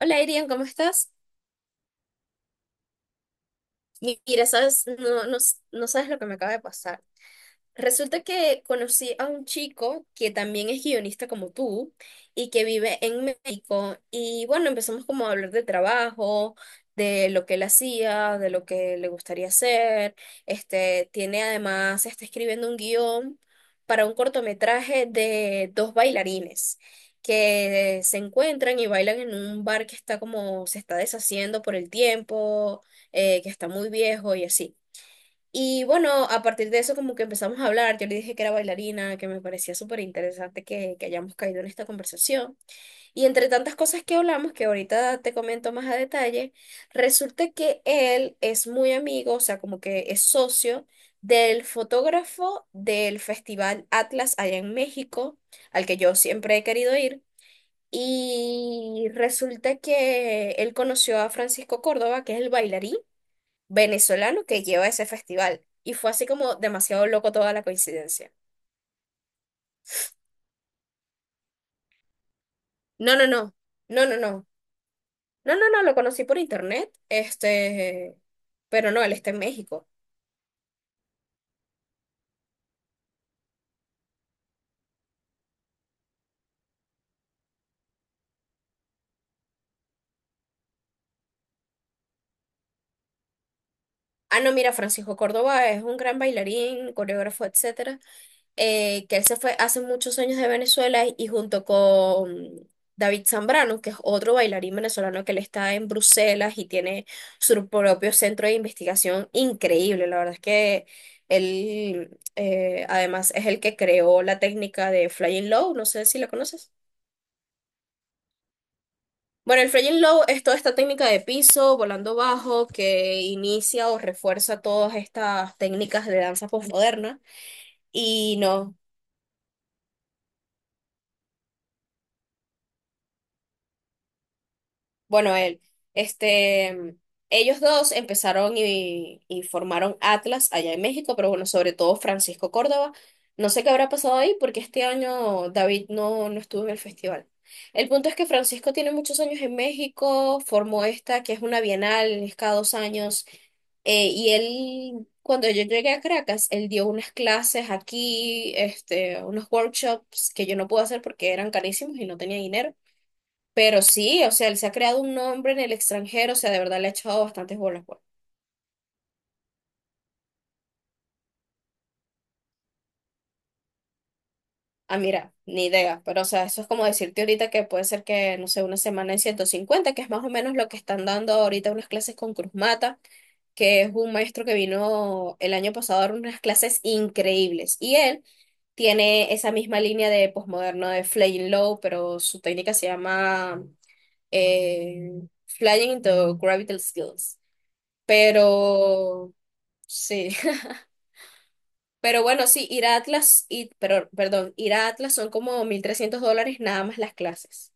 Hola, Irian, ¿cómo estás? Mira, sabes, no, no, no sabes lo que me acaba de pasar. Resulta que conocí a un chico que también es guionista como tú y que vive en México. Y bueno, empezamos como a hablar de trabajo, de lo que él hacía, de lo que le gustaría hacer. Tiene además, está escribiendo un guión para un cortometraje de dos bailarines que se encuentran y bailan en un bar que está como, se está deshaciendo por el tiempo, que está muy viejo y así. Y bueno, a partir de eso como que empezamos a hablar, yo le dije que era bailarina, que me parecía súper interesante que hayamos caído en esta conversación. Y entre tantas cosas que hablamos, que ahorita te comento más a detalle, resulta que él es muy amigo, o sea, como que es socio del fotógrafo del Festival Atlas allá en México, al que yo siempre he querido ir. Y resulta que él conoció a Francisco Córdoba, que es el bailarín venezolano que lleva ese festival. Y fue así como demasiado loco toda la coincidencia. No, no, no, no, no, no, no, no, no, lo conocí por internet, pero no, él está en México. Ah, no, mira, Francisco Córdoba es un gran bailarín, coreógrafo, etcétera, que él se fue hace muchos años de Venezuela y junto con David Zambrano, que es otro bailarín venezolano que él está en Bruselas y tiene su propio centro de investigación increíble. La verdad es que él, además, es el que creó la técnica de Flying Low, no sé si la conoces. Bueno, el Flying Low es toda esta técnica de piso, volando bajo, que inicia o refuerza todas estas técnicas de danza postmoderna. Y no. Bueno, él, este, ellos dos empezaron y formaron Atlas allá en México, pero bueno, sobre todo Francisco Córdoba. No sé qué habrá pasado ahí porque este año David no estuvo en el festival. El punto es que Francisco tiene muchos años en México, formó esta que es una bienal, es cada 2 años, y él, cuando yo llegué a Caracas, él dio unas clases aquí, unos workshops que yo no pude hacer porque eran carísimos y no tenía dinero. Pero sí, o sea, él se ha creado un nombre en el extranjero, o sea, de verdad le ha echado bastantes bolas, pues. Ah, mira, ni idea, pero o sea, eso es como decirte ahorita que puede ser que, no sé, una semana en 150, que es más o menos lo que están dando ahorita unas clases con Cruz Mata, que es un maestro que vino el año pasado a dar unas clases increíbles. Y él tiene esa misma línea de posmoderno de Flying Low, pero su técnica se llama eh, Flying into Gravitational Skills. Pero sí. Pero bueno, sí, ir a Atlas, y, pero, perdón, ir a Atlas son como $1,300 nada más las clases.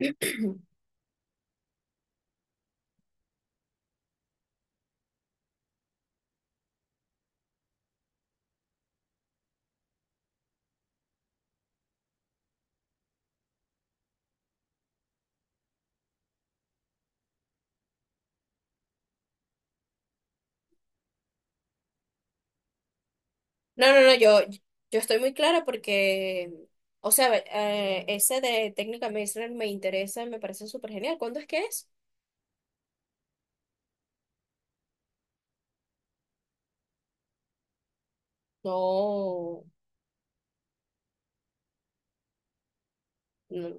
No, no, no, yo estoy muy clara porque, o sea, ese de técnica medicinal me interesa, me parece súper genial. ¿Cuándo es que es? No, no.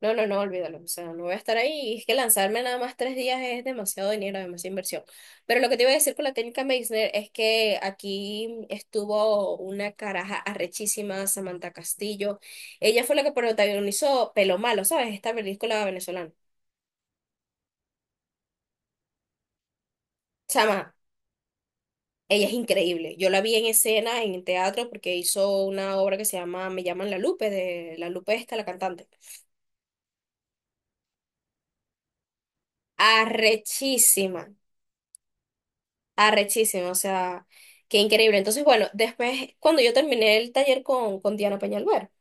No, no, no, olvídalo. O sea, no voy a estar ahí. Y es que lanzarme nada más 3 días es demasiado dinero, demasiada inversión. Pero lo que te iba a decir con la técnica Meissner es que aquí estuvo una caraja arrechísima, Samantha Castillo. Ella fue la que protagonizó Pelo Malo, ¿sabes? Esta película venezolana. Chama, ella es increíble. Yo la vi en escena, en teatro, porque hizo una obra que se llama Me llaman La Lupe, de La Lupe esta, la cantante. Arrechísima. Arrechísimo, o sea, qué increíble. Entonces, bueno, después, cuando yo terminé el taller con, Diana Peñalver,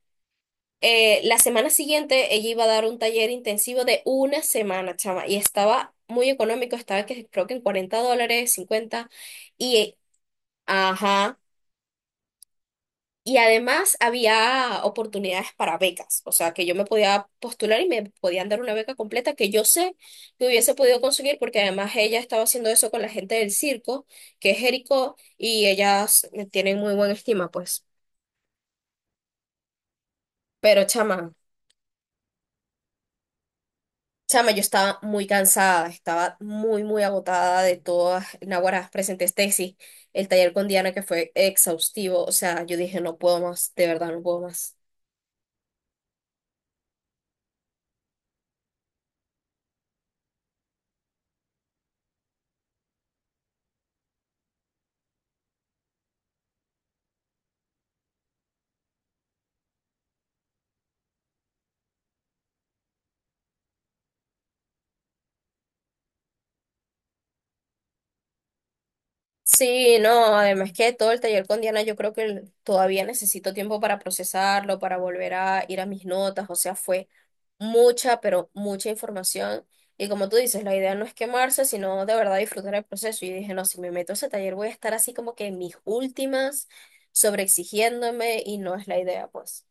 la semana siguiente ella iba a dar un taller intensivo de una semana, chama, y estaba muy económico, estaba que, creo que en $40, 50 y, ajá, y además había oportunidades para becas, o sea, que yo me podía postular y me podían dar una beca completa que yo sé que hubiese podido conseguir porque además ella estaba haciendo eso con la gente del circo, que es Jericó, y ellas me tienen muy buena estima, pues. Pero chama, chama, yo estaba muy cansada, estaba muy, muy agotada de todas, Naguará, presenté tesis, el taller con Diana que fue exhaustivo, o sea, yo dije, no puedo más, de verdad, no puedo más. Sí, no, además que todo el taller con Diana, yo creo que todavía necesito tiempo para procesarlo, para volver a ir a mis notas, o sea, fue mucha, pero mucha información. Y como tú dices, la idea no es quemarse, sino de verdad disfrutar el proceso. Y dije, no, si me meto a ese taller voy a estar así como que en mis últimas, sobreexigiéndome, y no es la idea, pues.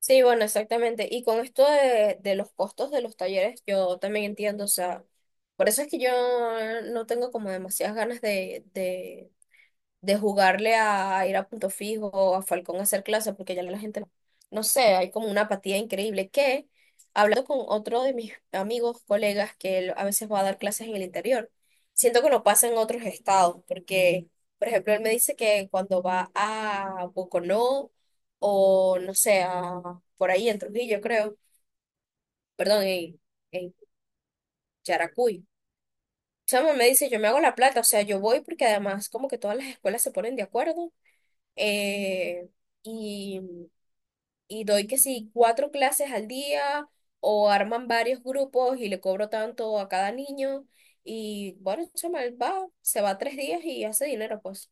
Sí, bueno, exactamente. Y con esto de, los costos de los talleres, yo también entiendo, o sea, por eso es que yo no tengo como demasiadas ganas de jugarle a ir a punto fijo, a Falcón a hacer clase, porque ya la gente, no sé, hay como una apatía increíble que, hablando con otro de mis amigos, colegas, que él a veces va a dar clases en el interior, siento que no pasa en otros estados, porque, por ejemplo, él me dice que cuando va a Boconó o, no sé, a, por ahí en Trujillo, creo, perdón, en Yaracuy. Chamo me dice, yo me hago la plata, o sea, yo voy porque además como que todas las escuelas se ponen de acuerdo, eh, y, y doy que sí, 4 clases al día o arman varios grupos y le cobro tanto a cada niño. Y bueno, chaval, va, se va 3 días y hace dinero, pues.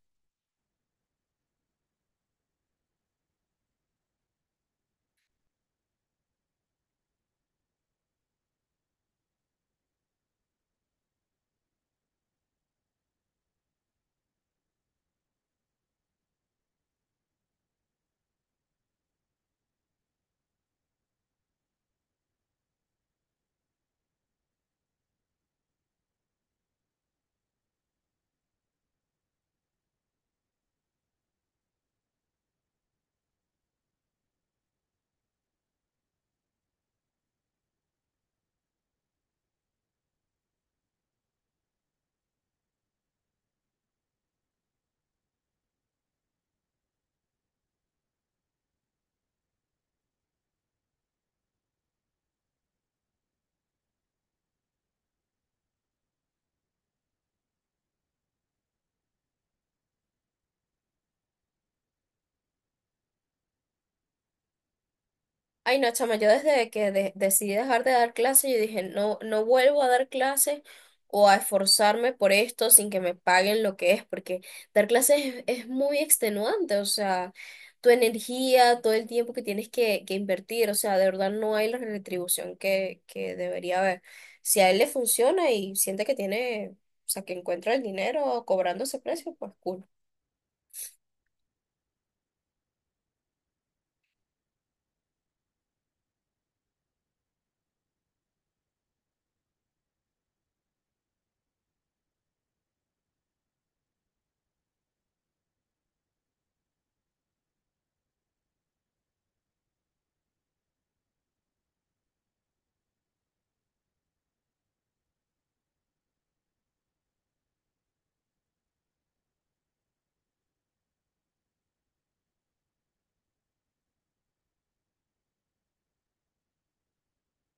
Ay, no, chama, yo desde que decidí dejar de dar clases, yo dije, no, no vuelvo a dar clases o a esforzarme por esto sin que me paguen lo que es, porque dar clases es, muy extenuante, o sea, tu energía, todo el tiempo que tienes que invertir, o sea, de verdad no hay la retribución que debería haber. Si a él le funciona y siente que tiene, o sea, que encuentra el dinero cobrando ese precio, pues cool.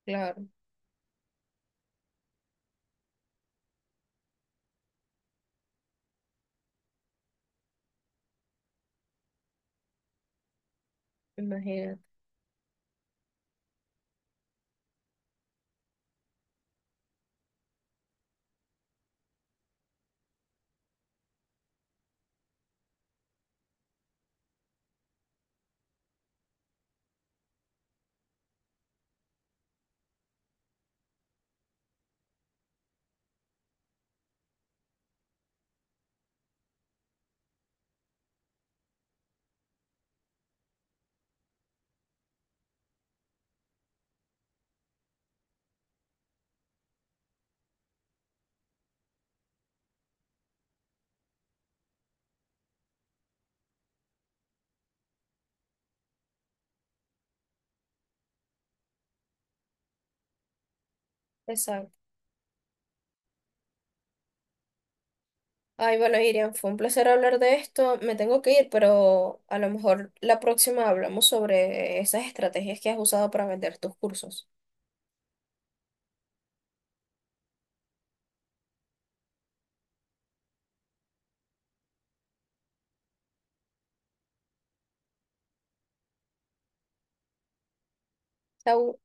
Claro, imagínate. Exacto. Ay, bueno, Irian, fue un placer hablar de esto. Me tengo que ir, pero a lo mejor la próxima hablamos sobre esas estrategias que has usado para vender tus cursos. Chau.